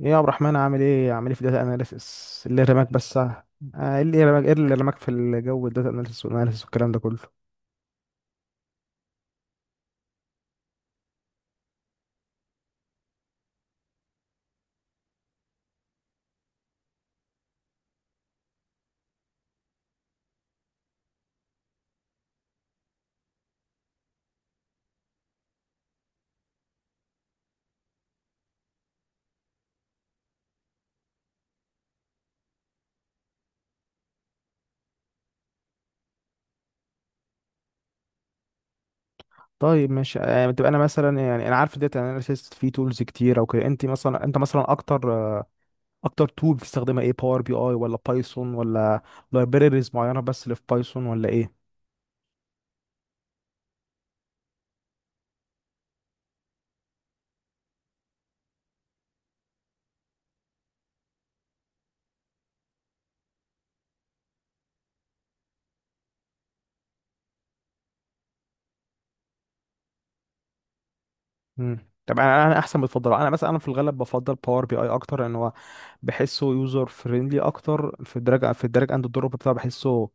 ايه يا عبد الرحمن، عامل ايه في الداتا اناليسيس؟ اللي رماك بس ايه اللي رماك في الجو، الداتا اناليسيس والاناليسيس والكلام ده كله. طيب ماشي، يعني بتبقى، انا مثلا يعني انا عارف الداتا اناليسيس في تولز كتير او كده، انت مثلا، انت مثلا اكتر تول بتستخدمها ايه؟ باور بي اي ولا بايثون ولا لايبريريز معينه بس اللي في بايثون، ولا ايه؟ طب انا احسن بتفضل، انا مثلا، انا في الغالب بفضل باور بي اي اكتر لان هو بحسه يوزر فريندلي اكتر في الدراج اند الدروب بتاعه. بحسه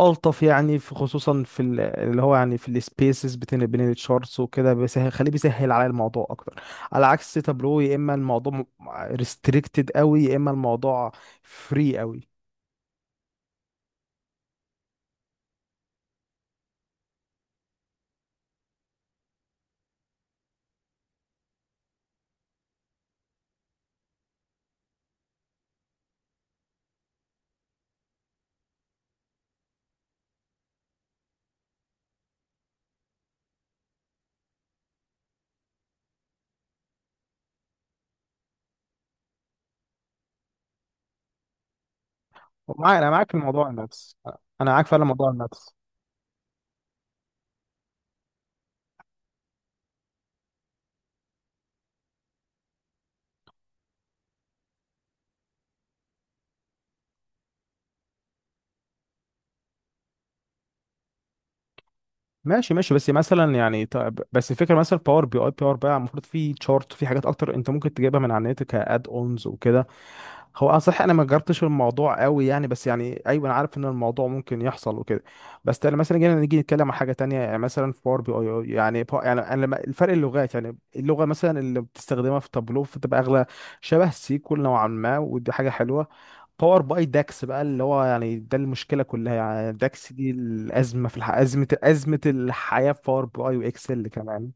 ألطف يعني، في خصوصا في اللي هو يعني في السبيسز بين التشارتس وكده بيسهل، خليه بيسهل على الموضوع أكتر، على عكس تابلو. يا إما الموضوع ريستريكتد قوي، يا إما الموضوع فري قوي. ومعاك، أنا معاك في موضوع المابس. أنا معاك فعلا موضوع المابس. ماشي ماشي، بس مثلا يعني، طب بس الفكره، مثلا باور بي اي، باور بقى المفروض في تشارت، في حاجات اكتر انت ممكن تجيبها من على النت، كاد اونز وكده. هو انا صحيح، انا ما جربتش الموضوع قوي يعني، بس يعني ايوه، انا عارف ان الموضوع ممكن يحصل وكده. بس تعالى مثلا، نيجي نتكلم عن حاجه تانية. يعني مثلا في باور بي اي يعني يعني انا الفرق اللغات، يعني اللغه مثلا اللي بتستخدمها في تابلو فتبقى اغلى، شبه سيكول نوعا ما، ودي حاجه حلوه. باور باي داكس بقى، اللي هو يعني ده المشكله كلها يعني، داكس دي الازمه ازمه الحياه في باور باي واكسل كمان.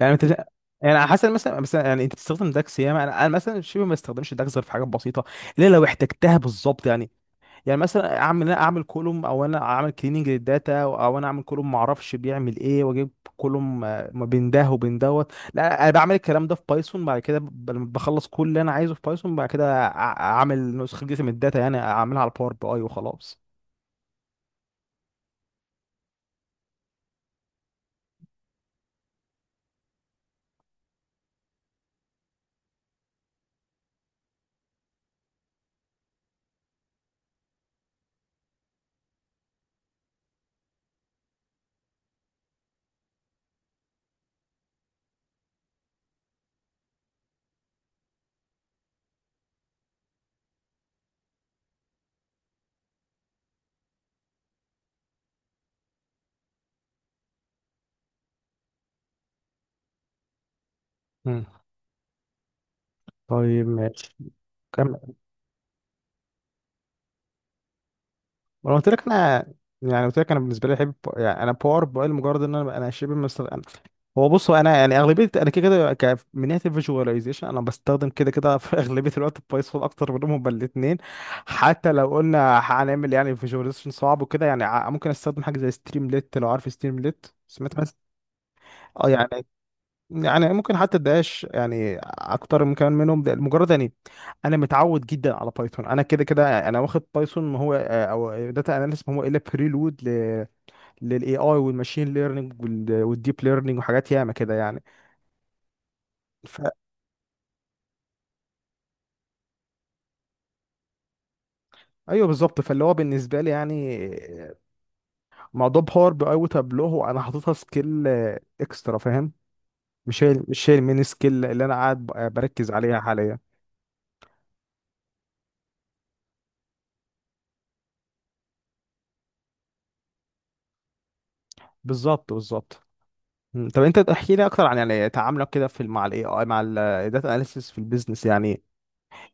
يعني انت، يعني على حسب، مثلا يعني انت بتستخدم داكس ياما. انا مثلا شبه ما استخدمش داكس غير في حاجات بسيطه، الا لو احتجتها بالظبط يعني. يعني مثلا انا اعمل كولوم، او انا اعمل كليننج للداتا، او انا اعمل كولوم ما اعرفش بيعمل ايه واجيب كولوم ما بين ده وبين دوت. لا انا بعمل الكلام ده في بايثون، بعد كده بخلص كل اللي انا عايزه في بايثون، بعد كده اعمل نسخه جديده من الداتا، يعني اعملها على باور بي اي وخلاص. مم. طيب ماشي. كمل. ما انا قلت لك، انا يعني قلت لك، انا بالنسبه لي احب يعني، انا باور باي لمجرد ان انا شبه مستخدم. أنا هو بص، هو انا يعني اغلبيه، انا كده كده، من ناحيه الفيجواليزيشن انا بستخدم كده كده في اغلبيه الوقت بايثون اكتر منهم، بل الاثنين. حتى لو قلنا هنعمل يعني فيجواليزيشن صعب وكده يعني، ممكن استخدم حاجه زي ستريمليت. لو عارف ستريمليت، سمعت بس. اه يعني ممكن حتى الدقاش يعني اكتر من كمان منهم. ده مجرد يعني، انا متعود جدا على بايثون. انا كده كده انا واخد بايثون، ما هو او داتا اناليسيس، ما هو الا بريلود للاي اي والماشين ليرنينج والديب ليرنينج وحاجات ياما كده يعني. ف ايوه بالظبط، فاللي هو بالنسبه لي يعني موضوع باور بي اي وتابلو هو انا حاططها سكيل اكسترا، فاهم. مش هي المين سكيل اللي انا قاعد بركز عليها حاليا. بالظبط بالظبط. مم. طب انت احكي لي اكتر عن يعني تعاملك كده مع الاي اي، مع الداتا اناليسيس في البيزنس يعني.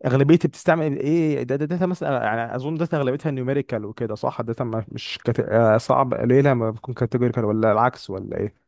اغلبيه بتستعمل ايه؟ داتا مثلا يعني اظن داتا اغلبيتها نيوميريكال وكده، صح؟ الداتا مش كت... صعب قليله ما بتكون كاتيجوريكال، ولا العكس، ولا ايه؟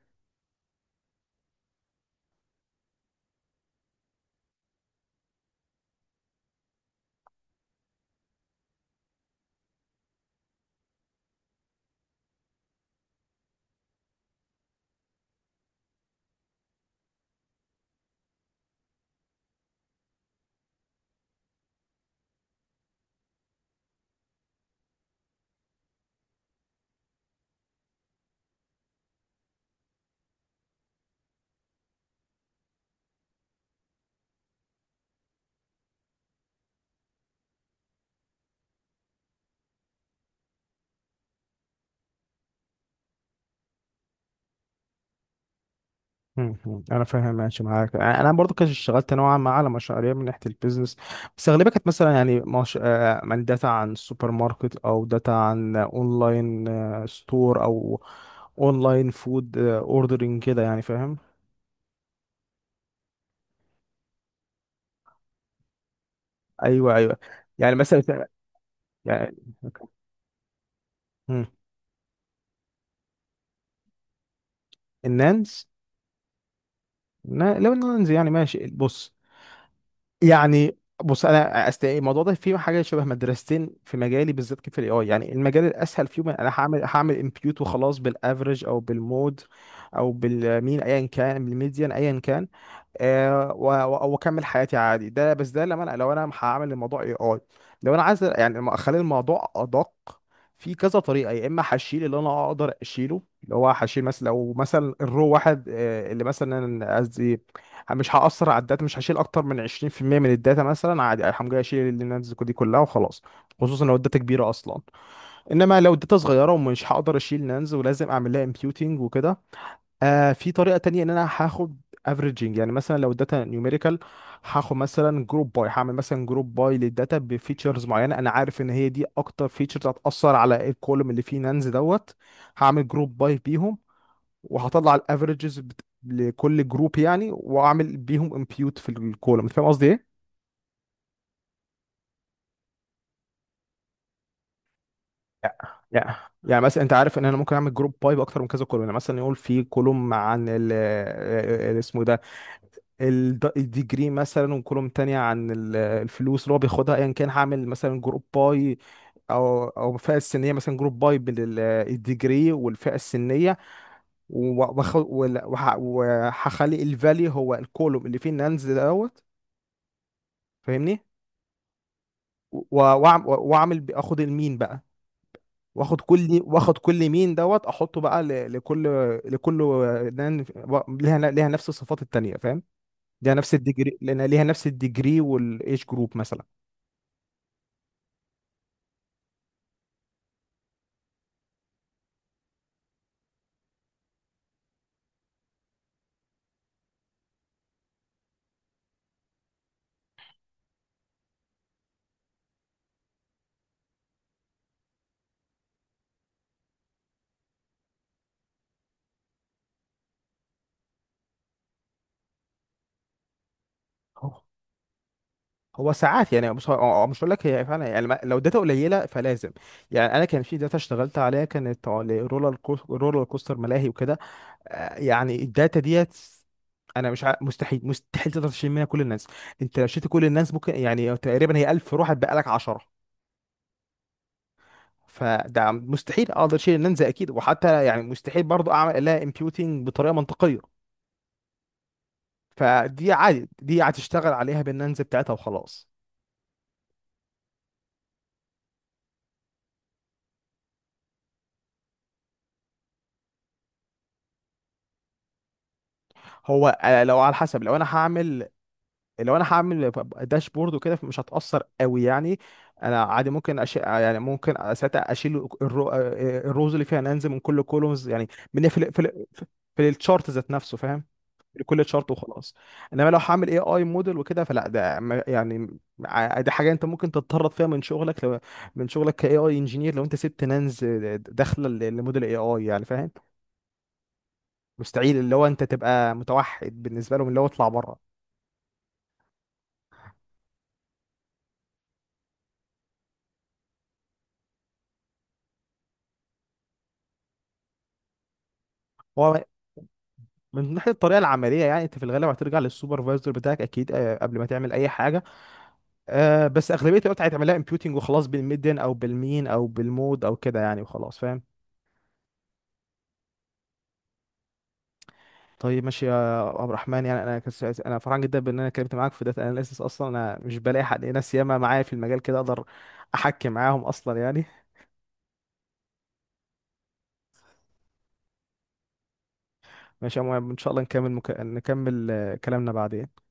مم. مم. انا فاهم، ماشي معاك. يعني انا برضو كنت اشتغلت نوعا ما على مشاريع من ناحيه البيزنس، بس اغلبها كانت مثلا يعني مش... من داتا عن سوبر ماركت، او داتا عن اونلاين ستور، او اونلاين فود اوردرنج كده يعني، فاهم. ايوه ايوه. يعني مثلا يعني مم. النانز؟ لو النانز يعني ماشي، بص. يعني بص انا الموضوع ده فيه حاجه شبه مدرستين في مجالي، بالذات في الاي اي يعني. المجال الاسهل فيهم، انا هعمل امبيوت وخلاص، بالافرج او بالمود او بالمين، ايا كان، بالميديان ايا كان، واكمل حياتي عادي. ده بس ده لما انا لو انا هعمل الموضوع اي اي، لو انا عايز يعني ما اخلي الموضوع ادق، في كذا طريقه. يا اما هشيل، اللي انا اقدر اشيله، اللي هو هشيل مثلا، لو مثلا الرو واحد، اللي مثلا قصدي مش هاثر على الداتا، مش هشيل اكتر من 20% من الداتا مثلا، عادي الحمد لله اشيل النانز دي كلها وخلاص، خصوصا لو الداتا كبيره اصلا. انما لو الداتا صغيره، ومش هقدر اشيل نانز، ولازم اعمل لها امبيوتنج وكده، في طريقة تانية ان انا هاخد افريجنج. يعني مثلا لو الداتا نيوميريكال، هاخد مثلا جروب باي، هعمل مثلا جروب باي للداتا بفيتشرز معينة انا عارف ان هي دي اكتر فيتشرز هتأثر على الكولوم اللي فيه نانز دوت. هعمل جروب باي بيهم، وهطلع الافريجز لكل جروب يعني، واعمل بيهم امبيوت في الكولوم. انت فاهم قصدي ايه؟ يا- يا- يعني مثلا انت عارف ان انا ممكن اعمل جروب باي باكتر من كذا كولوم، يعني مثلا يقول في كولوم عن الديجري مثلا، وكولوم تانية عن الفلوس اللي هو بياخدها ايا كان، هعمل مثلا جروب باي، او فئه السنيه، مثلا جروب باي بالديجري والفئه السنيه، وهخلي الفالي هو الكولوم اللي فيه النانز دوت، فاهمني. و- اخد المين بقى، واخد كل مين دوت احطه بقى لكل نان ليها نفس الصفات التانية، فاهم، ليها نفس الديجري، لأن ليها نفس الديجري والايج جروب مثلا. هو هو ساعات يعني، مش هقول لك، هي فعلا يعني، لو داتا قليله فلازم. يعني انا كان في داتا اشتغلت عليها، كانت رولر كوستر ملاهي وكده. يعني الداتا ديت انا مش ع... مستحيل، مستحيل تقدر تشيل منها كل الناس. انت لو شلت كل الناس، ممكن يعني تقريبا هي 1000 روح هتبقى لك 10. فده مستحيل اقدر اشيل الناس اكيد، وحتى يعني مستحيل برضو اعمل لها امبيوتنج بطريقه منطقيه. فدي عادي، دي هتشتغل عليها بالننز بتاعتها وخلاص. هو لو على حسب، لو انا هعمل داشبورد وكده مش هتأثر قوي يعني. انا عادي ممكن يعني ممكن ساعتها اشيل الروز اللي فيها ننزل من كل كولومز يعني، من في ال... في ال... في الشارت ذات نفسه، فاهم، لكل شارت وخلاص. انما لو هعمل اي اي موديل وكده فلا، ده يعني دي حاجه انت ممكن تتطرد فيها من شغلك من شغلك كاي اي انجينير لو انت سبت ننز داخله لموديل اي اي يعني، فاهم. مستحيل، اللي هو انت تبقى متوحد بالنسبه لهم، اللي هو اطلع بره. هو من ناحية الطريقة العملية يعني، انت في الغالب هترجع للسوبرفايزر بتاعك اكيد، قبل ما تعمل اي حاجة، بس اغلبية الوقت هتعملها امبيوتنج وخلاص، بالميديان او بالمين او بالمود او كده يعني، وخلاص فاهم. طيب ماشي يا عبد الرحمن، يعني انا انا فرحان جدا بان انا اتكلمت معاك في داتا اناليسيس، اصلا انا مش بلاقي حد، ناس ياما معايا في المجال كده اقدر احكي معاهم اصلا يعني. ماشي يا مهم، ان شاء الله نكمل، نكمل كلامنا بعدين.